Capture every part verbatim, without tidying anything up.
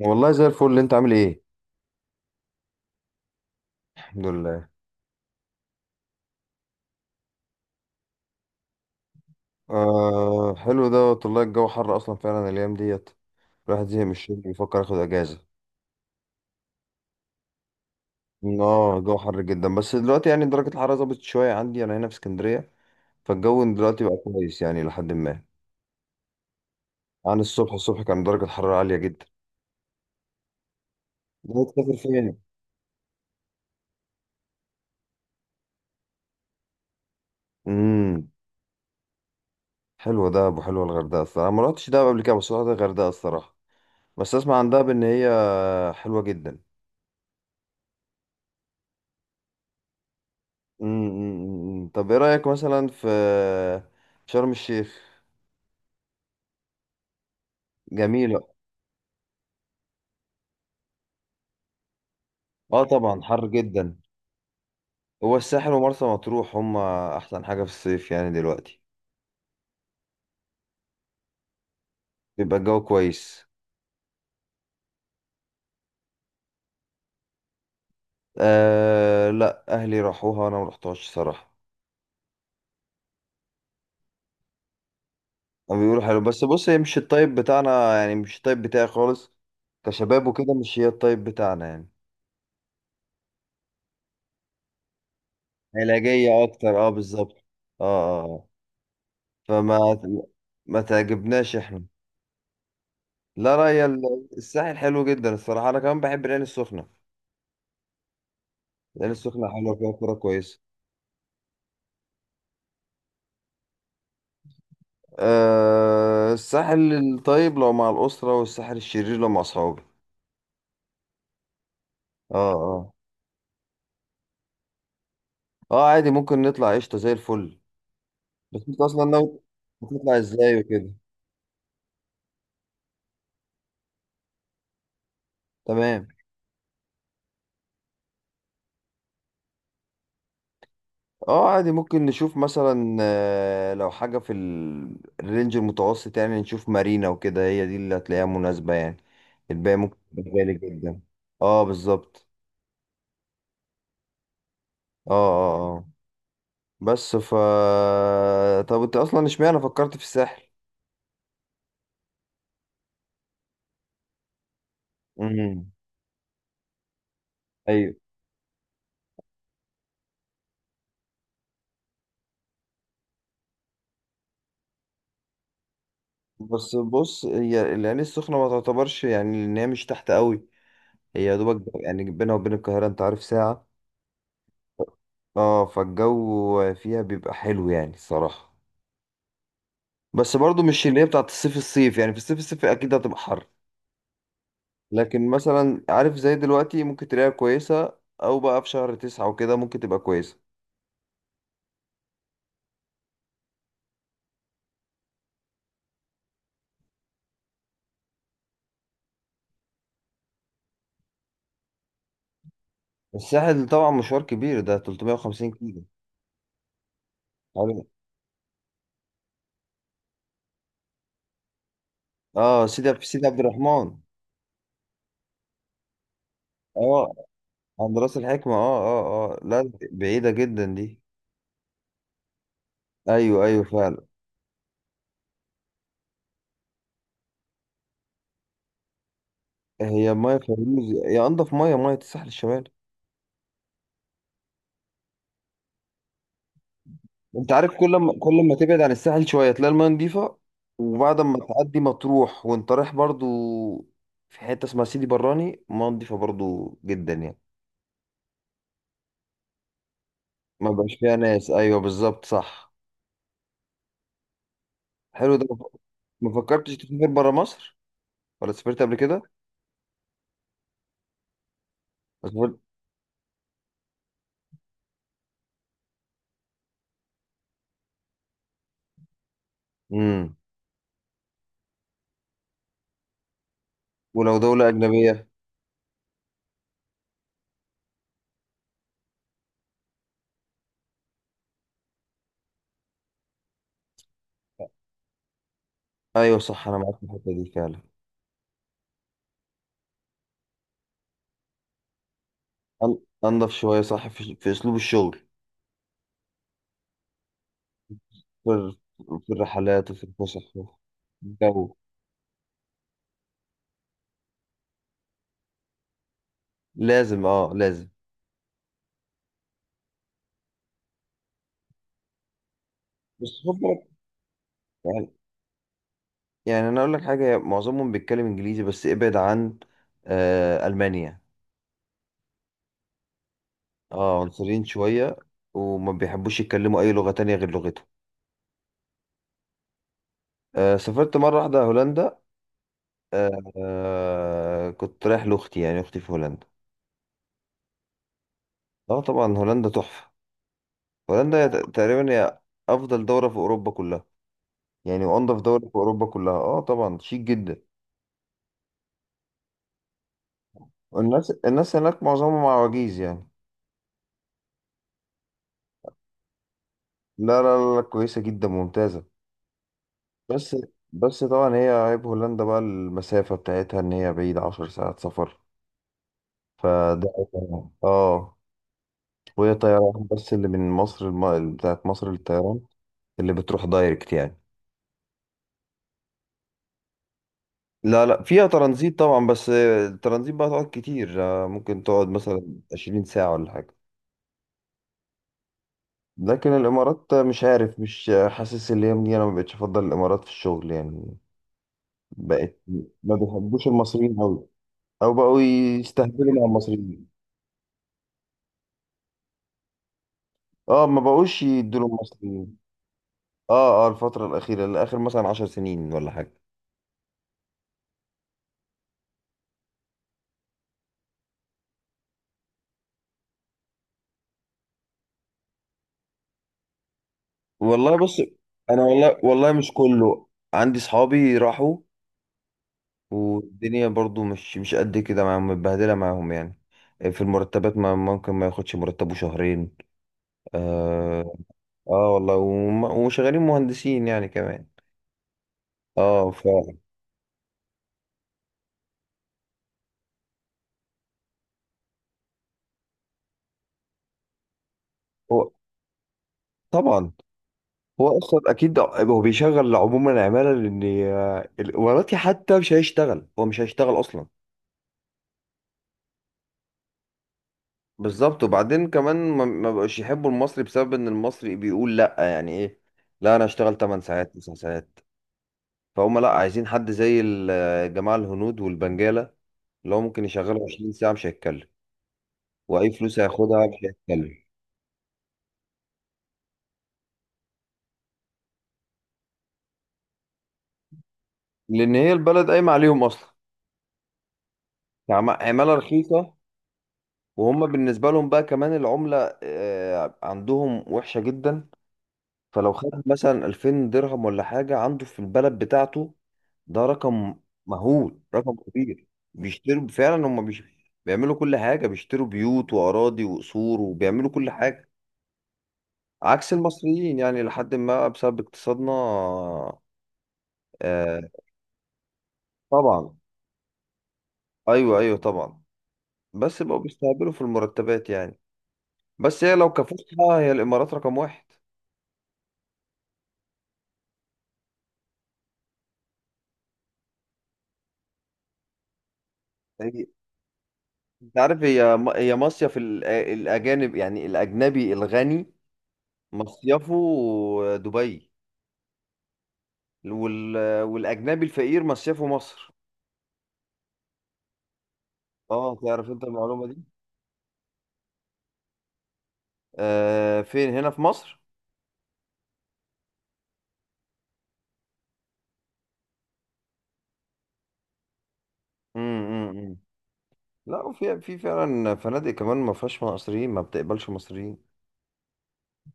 والله زي الفل اللي انت عامل ايه. الحمد لله. آه، حلو دوت والله الجو حر اصلا فعلا الايام ديت. الواحد زهق من الشغل بيفكر ياخد اجازه. اه، الجو حر جدا، بس دلوقتي يعني درجه الحراره ظبطت شويه عندي انا هنا في اسكندريه. فالجو دلوقتي بقى كويس يعني لحد ما. عن الصبح، الصبح كان درجه الحراره عاليه جدا. ده تسافر فين؟ امم. حلوه دهب وحلوه الغردقه الصراحه، ما رحتش دهب قبل كده بس رحت الغردقه الصراحه. بس اسمع عن دهب ان هي حلوه جدا. مم، مم، مم. طب ايه رأيك مثلا في شرم الشيخ؟ جميلة. اه طبعا حر جدا. هو الساحل ومرسى مطروح هما احسن حاجة في الصيف يعني دلوقتي بيبقى الجو كويس. آه، لا اهلي راحوها انا ما رحتهاش صراحة. هما بيقولوا حلو، بس بص هي مش الطيب بتاعنا يعني مش الطيب بتاعي خالص. كشباب وكده مش هي الطيب بتاعنا يعني. علاجية اكتر، اه، بالظبط. اه، اه، آه. فما ما تعجبناش احنا. لا لا، هي ال- الساحل حلو جدا الصراحة، أنا كمان بحب العين السخنة. العين السخنة حلوة فيها كورة كويسة. أه، الساحل الطيب لو مع الأسرة والساحل الشرير لو مع أصحابي. اه اه اه، عادي ممكن نطلع قشطة زي الفل. بس أنت أصلا ناوي هتطلع إزاي وكده. تمام. اه عادي ممكن نشوف مثلا، آه، لو حاجة في ال- الرينج المتوسط يعني، نشوف مارينا وكده هي دي اللي هتلاقيها مناسبة يعني. الباقي ممكن تبقى غالي جدا. اه بالظبط. اه اه اه. بس ف طب انت اصلا اشمعنى فكرت في الساحل؟ امم. ايوه. بس بص هي العين السخنه ما تعتبرش يعني ان هي مش تحت قوي. هي يا دوبك يعني بينها وبين القاهره انت عارف ساعه. اه، فالجو فيها بيبقى حلو يعني الصراحه. بس برضو مش اللي هي بتاعت الصيف الصيف يعني، في الصيف الصيف اكيد هتبقى حر. لكن مثلا عارف زي دلوقتي ممكن تلاقيها كويسه، او بقى في شهر تسعة وكده ممكن تبقى كويسه. الساحل طبعا مشوار كبير، ده 350 كيلو. اه، سيدي في سيدي عبد الرحمن. اه، عند راس الحكمة. اه اه اه، لا بعيدة جدا دي. ايوه ايوه فعلا. هي مية فيروز، هي انضف مية، مية الساحل الشمالي. انت عارف كل ما كل ما تبعد عن الساحل شوية تلاقي المية نضيفة. وبعد ما تعدي مطروح وانت رايح برضو، في حتة اسمها سيدي براني، مية نضيفة برضو جدا يعني. ما بقاش فيها ناس، ايوه بالظبط صح. حلو ده. ما فكرتش تسافر برا مصر ولا سافرت قبل كده؟ ما سافرت- امم. ولو دولة أجنبية؟ ايوه صح، انا معاك في الحته دي فعلا. أن- انضف شويه صح في, في اسلوب الشغل. في في الرحلات وفي الفسح وفي الجو. لازم، اه لازم. بس خد بالك. يعني يعني انا اقول لك حاجه، معظمهم بيتكلم انجليزي بس ابعد عن آه المانيا. اه، عنصريين شويه، وما بيحبوش يتكلموا اي لغه تانية غير لغتهم. آه سافرت مره واحده هولندا. آه. آه، كنت رايح لاختي يعني، اختي في هولندا. اه طبعا هولندا تحفه. هولندا تقريبا هي افضل دوله في اوروبا كلها يعني، وانضف دولة في اوروبا كلها. اه طبعا شيك جدا. والناس الناس هناك معظمهم عواجيز يعني. لا لا لا، كويسة جدا ممتازة. بس بس طبعا هي عيب هولندا بقى المسافة بتاعتها ان هي بعيدة عشر ساعات سفر. فده عيب طبعاً. اه. وهي طيران بس، اللي من مصر الم... بتاعت مصر للطيران اللي بتروح دايركت يعني. لا لا فيها ترانزيت طبعا، بس الترانزيت بقى تقعد كتير، آه، ممكن تقعد مثلا 20 ساعة ولا حاجة. لكن الامارات مش عارف، مش حاسس اللي هي مني، انا ما بقتش افضل الامارات في الشغل يعني. بقت. ما بيحبوش المصريين قوي، او بقوا يستهبلوا مع المصريين. اه، ما بقوش يدوا المصريين. اه اه، الفتره الاخيره، الاخر مثلا عشر سنين ولا حاجه. والله بص. انا والله والله مش كله. عندي صحابي راحوا، والدنيا برضو مش مش قد كده معاهم، متبهدله معاهم يعني. في المرتبات، ما ممكن ما ياخدش مرتبه شهرين. آه، اه والله وم- وشغالين مهندسين يعني كمان. اه ف هو طبعا، هو اصلا اكيد هو بيشغل عموما العماله، لان آه، الاماراتي حتى مش هيشتغل، هو مش هيشتغل اصلا. بالظبط، وبعدين كمان ما ما بقوش يحبوا المصري بسبب ان المصري بيقول لا، يعني ايه. لا، انا اشتغل 8 ساعات 9 ساعات. فهم لا عايزين حد زي الجماعه الهنود والبنجاله، اللي هو ممكن يشغله 20 ساعه مش هيتكلم، واي فلوس هياخدها مش هيتكلم. لان هي البلد قايمه عليهم اصلا. عم- عمالة رخيصة. وهم بالنسبة لهم بقى كمان العملة، آه، عندهم وحشة جدا. فلو خد مثلا ألفين درهم ولا حاجة، عنده في البلد بتاعته ده رقم مهول، رقم كبير. بيشتروا فعلا هم بيش... بيعملوا كل حاجة، بيشتروا بيوت وأراضي وقصور وبيعملوا كل حاجة. عكس المصريين يعني لحد ما بسبب اقتصادنا. آه، طبعا. أيوه أيوه طبعا. بس بقوا بيستهبلوا في المرتبات يعني. بس هي لو كفلتها، هي الإمارات رقم واحد. هي انت عارف، هي م- هي مصيف ال- الاجانب يعني الاجنبي الغني مصيفه دبي. وال... والاجنبي الفقير مصيفه مصر. اه، تعرف انت المعلومه دي؟ آه، فين هنا في مصر؟ امم امم، امم. لا، وفي في فعلا فنادق كمان ما فيهاش مصريين، ما بتقبلش مصريين.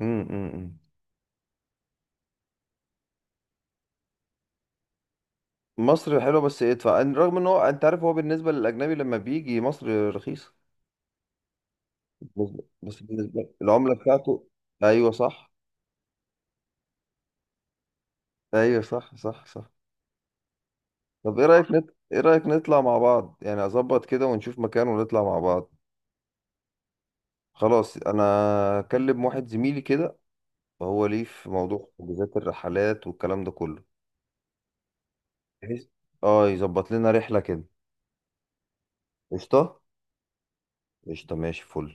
امم امم، امم. مصر حلوه بس ادفع، ان- رغم ان هو انت عارف، هو بالنسبه للاجنبي لما بيجي مصر رخيصه. بالنسبة- بس بالنسبه العمله بتاعته. ايوه صح، ايوه صح صح صح. طب ايه رأيك، نت... ايه رأيك نطلع مع بعض يعني، اظبط كده ونشوف مكان ونطلع مع بعض. خلاص، انا اكلم واحد زميلي كده وهو ليه في موضوع حجوزات الرحلات والكلام ده كله، بحيث اه يظبط لنا رحلة كده. قشطة قشطة، ماشي فل.